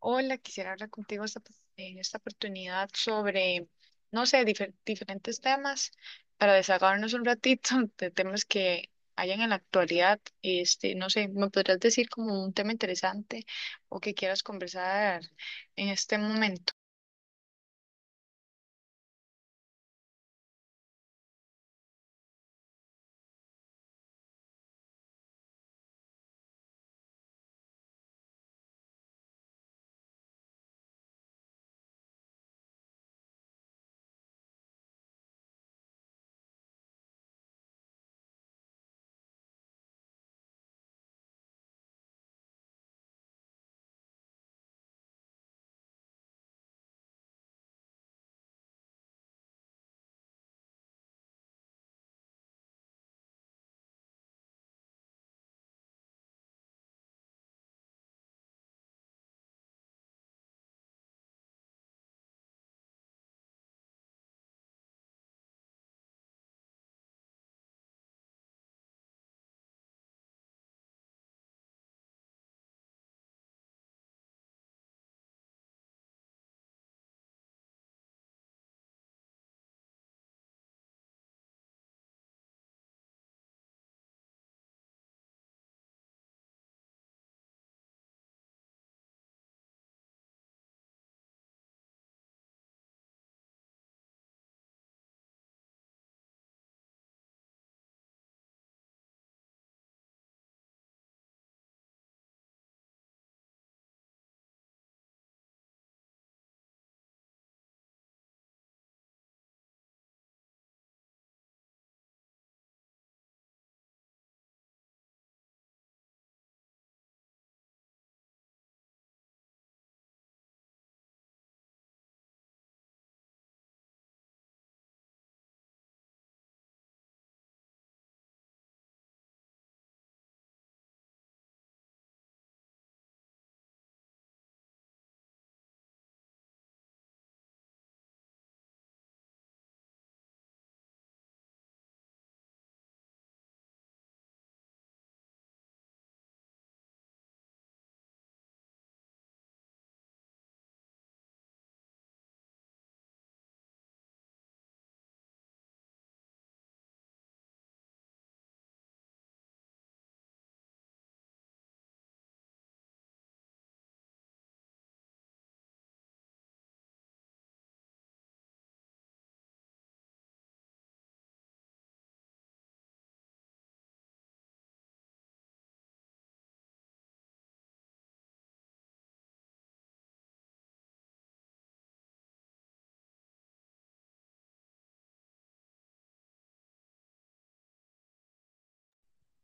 Hola, quisiera hablar contigo en esta oportunidad sobre, no sé, diferentes temas para desahogarnos un ratito de temas que hayan en la actualidad. No sé, ¿me podrías decir como un tema interesante o que quieras conversar en este momento?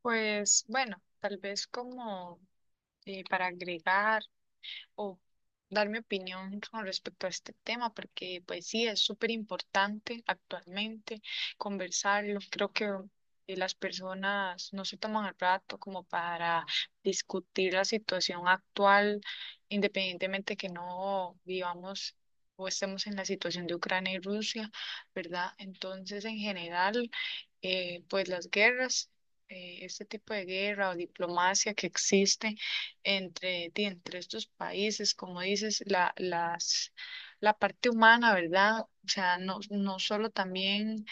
Pues bueno, tal vez como para agregar, o dar mi opinión con respecto a este tema, porque pues sí, es súper importante actualmente conversarlo. Creo que las personas no se toman el rato como para discutir la situación actual, independientemente que no vivamos o estemos en la situación de Ucrania y Rusia, ¿verdad? Entonces, en general, pues las guerras, este tipo de guerra o diplomacia que existe entre estos países, como dices, la parte humana, ¿verdad? O sea, no, no solo también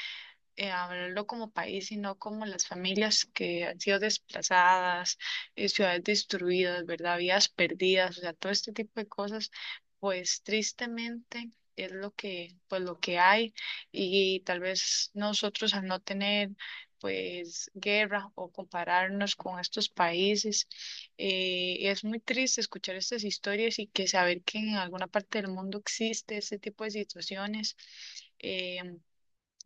hablarlo como país, sino como las familias que han sido desplazadas, ciudades destruidas, ¿verdad? Vidas perdidas, o sea, todo este tipo de cosas, pues tristemente es lo pues lo que hay. Y tal vez nosotros al no tener pues guerra o compararnos con estos países, es muy triste escuchar estas historias y que saber que en alguna parte del mundo existe este tipo de situaciones. eh,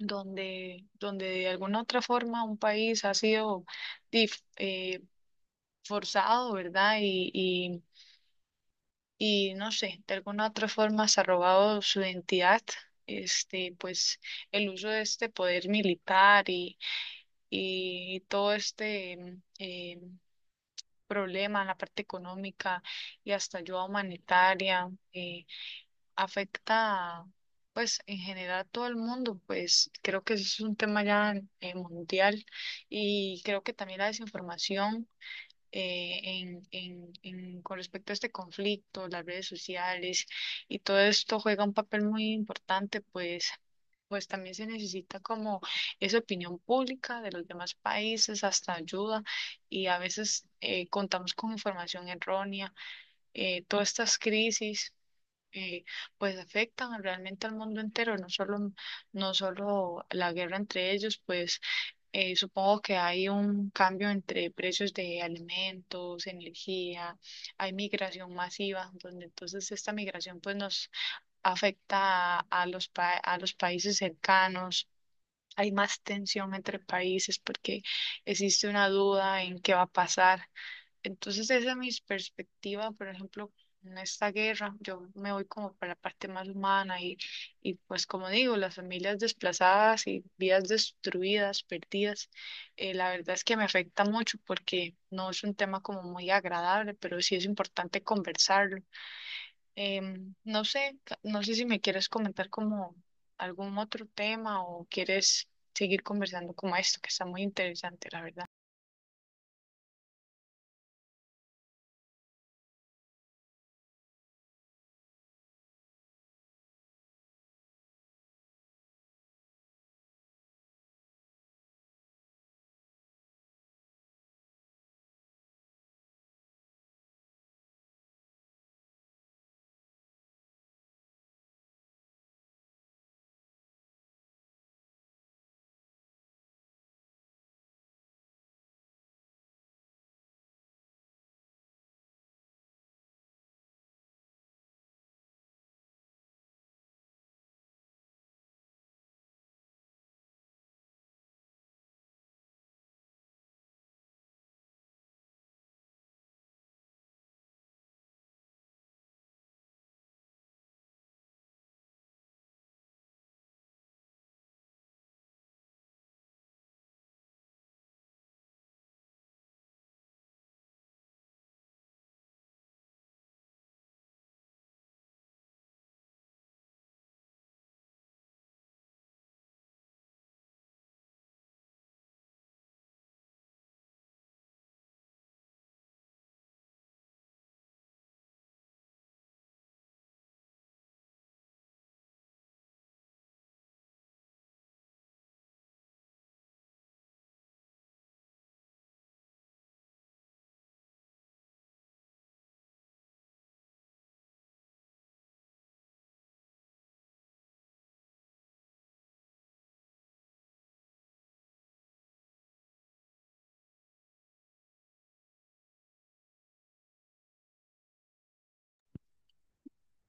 donde de alguna otra forma un país ha sido dif- eh, forzado, ¿verdad? Y no sé, de alguna otra forma se ha robado su identidad, pues el uso de este poder militar y todo este problema en la parte económica y hasta ayuda humanitaria. Afecta, pues, en general a todo el mundo, pues creo que eso es un tema ya mundial. Y creo que también la desinformación con respecto a este conflicto, las redes sociales y todo esto juega un papel muy importante, pues. Pues también se necesita como esa opinión pública de los demás países, hasta ayuda, y a veces contamos con información errónea, todas estas crisis eh, pues afectan realmente al mundo entero, no solo, no solo la guerra entre ellos, pues supongo que hay un cambio entre precios de alimentos, energía, hay migración masiva, donde entonces esta migración pues nos afecta a a los países cercanos. Hay más tensión entre países porque existe una duda en qué va a pasar. Entonces esa es mi perspectiva, por ejemplo, en esta guerra, yo me voy como para la parte más humana y pues como digo, las familias desplazadas y vidas destruidas, perdidas, la verdad es que me afecta mucho porque no es un tema como muy agradable, pero sí es importante conversarlo. No sé, no sé si me quieres comentar como algún otro tema o quieres seguir conversando como esto, que está muy interesante, la verdad.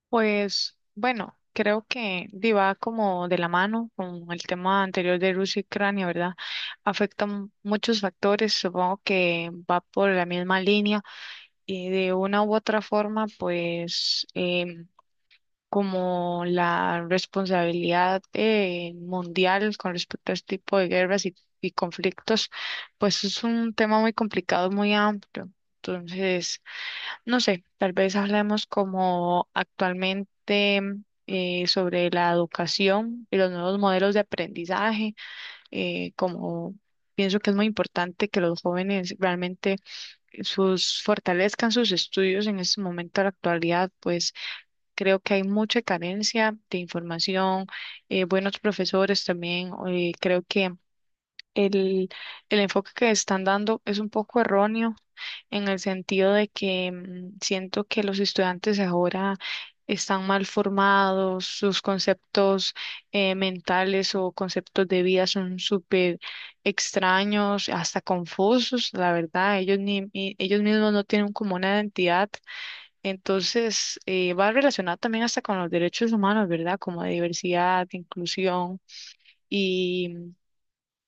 Pues bueno, creo que di, va como de la mano con el tema anterior de Rusia y Ucrania, ¿verdad? Afectan muchos factores, supongo que va por la misma línea y de una u otra forma, pues como la responsabilidad mundial con respecto a este tipo de guerras y conflictos, pues es un tema muy complicado, muy amplio. Entonces... No sé, tal vez hablemos como actualmente sobre la educación y los nuevos modelos de aprendizaje, como pienso que es muy importante que los jóvenes realmente sus fortalezcan sus estudios en este momento de la actualidad, pues creo que hay mucha carencia de información, buenos profesores también, creo que el, el enfoque que están dando es un poco erróneo en el sentido de que siento que los estudiantes ahora están mal formados, sus conceptos mentales o conceptos de vida son súper extraños, hasta confusos, la verdad, ellos, ellos mismos no tienen como una identidad, entonces va relacionado también hasta con los derechos humanos, ¿verdad? Como de diversidad, de inclusión.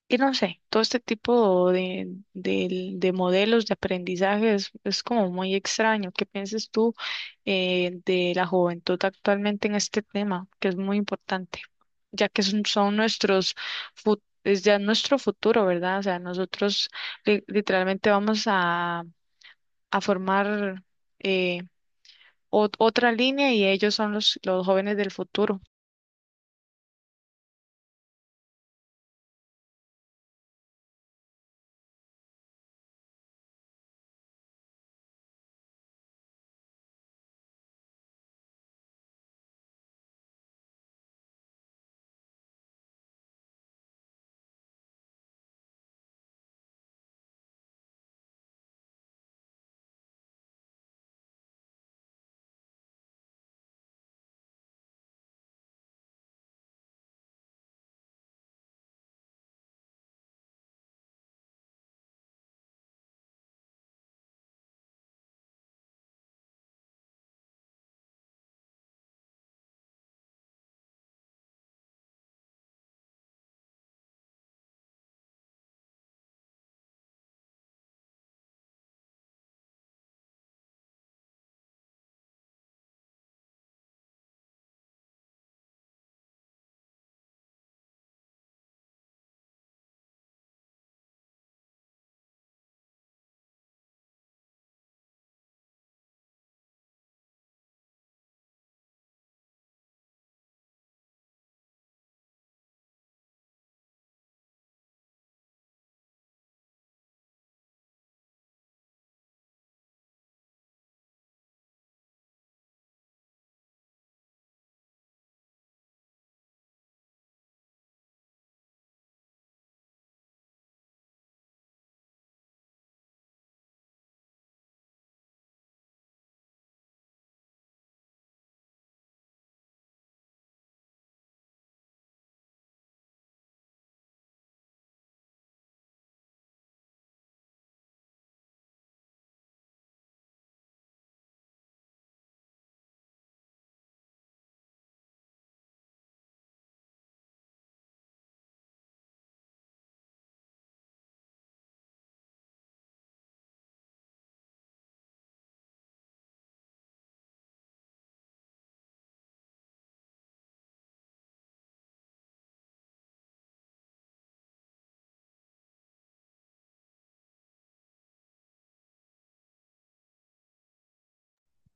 Y no sé, todo este tipo de, de modelos de aprendizaje es como muy extraño. ¿Qué piensas tú de la juventud actualmente en este tema, que es muy importante, ya que son, son nuestros, es ya nuestro futuro, ¿verdad? O sea, nosotros literalmente vamos a formar eh, otra línea y ellos son los jóvenes del futuro.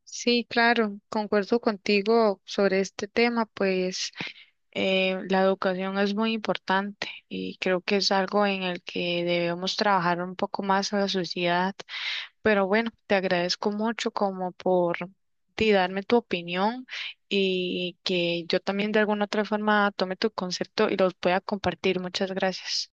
Sí, claro, concuerdo contigo sobre este tema, pues la educación es muy importante y creo que es algo en el que debemos trabajar un poco más a la sociedad. Pero bueno, te agradezco mucho como por ti darme tu opinión y que yo también de alguna otra forma tome tu concepto y los pueda compartir. Muchas gracias.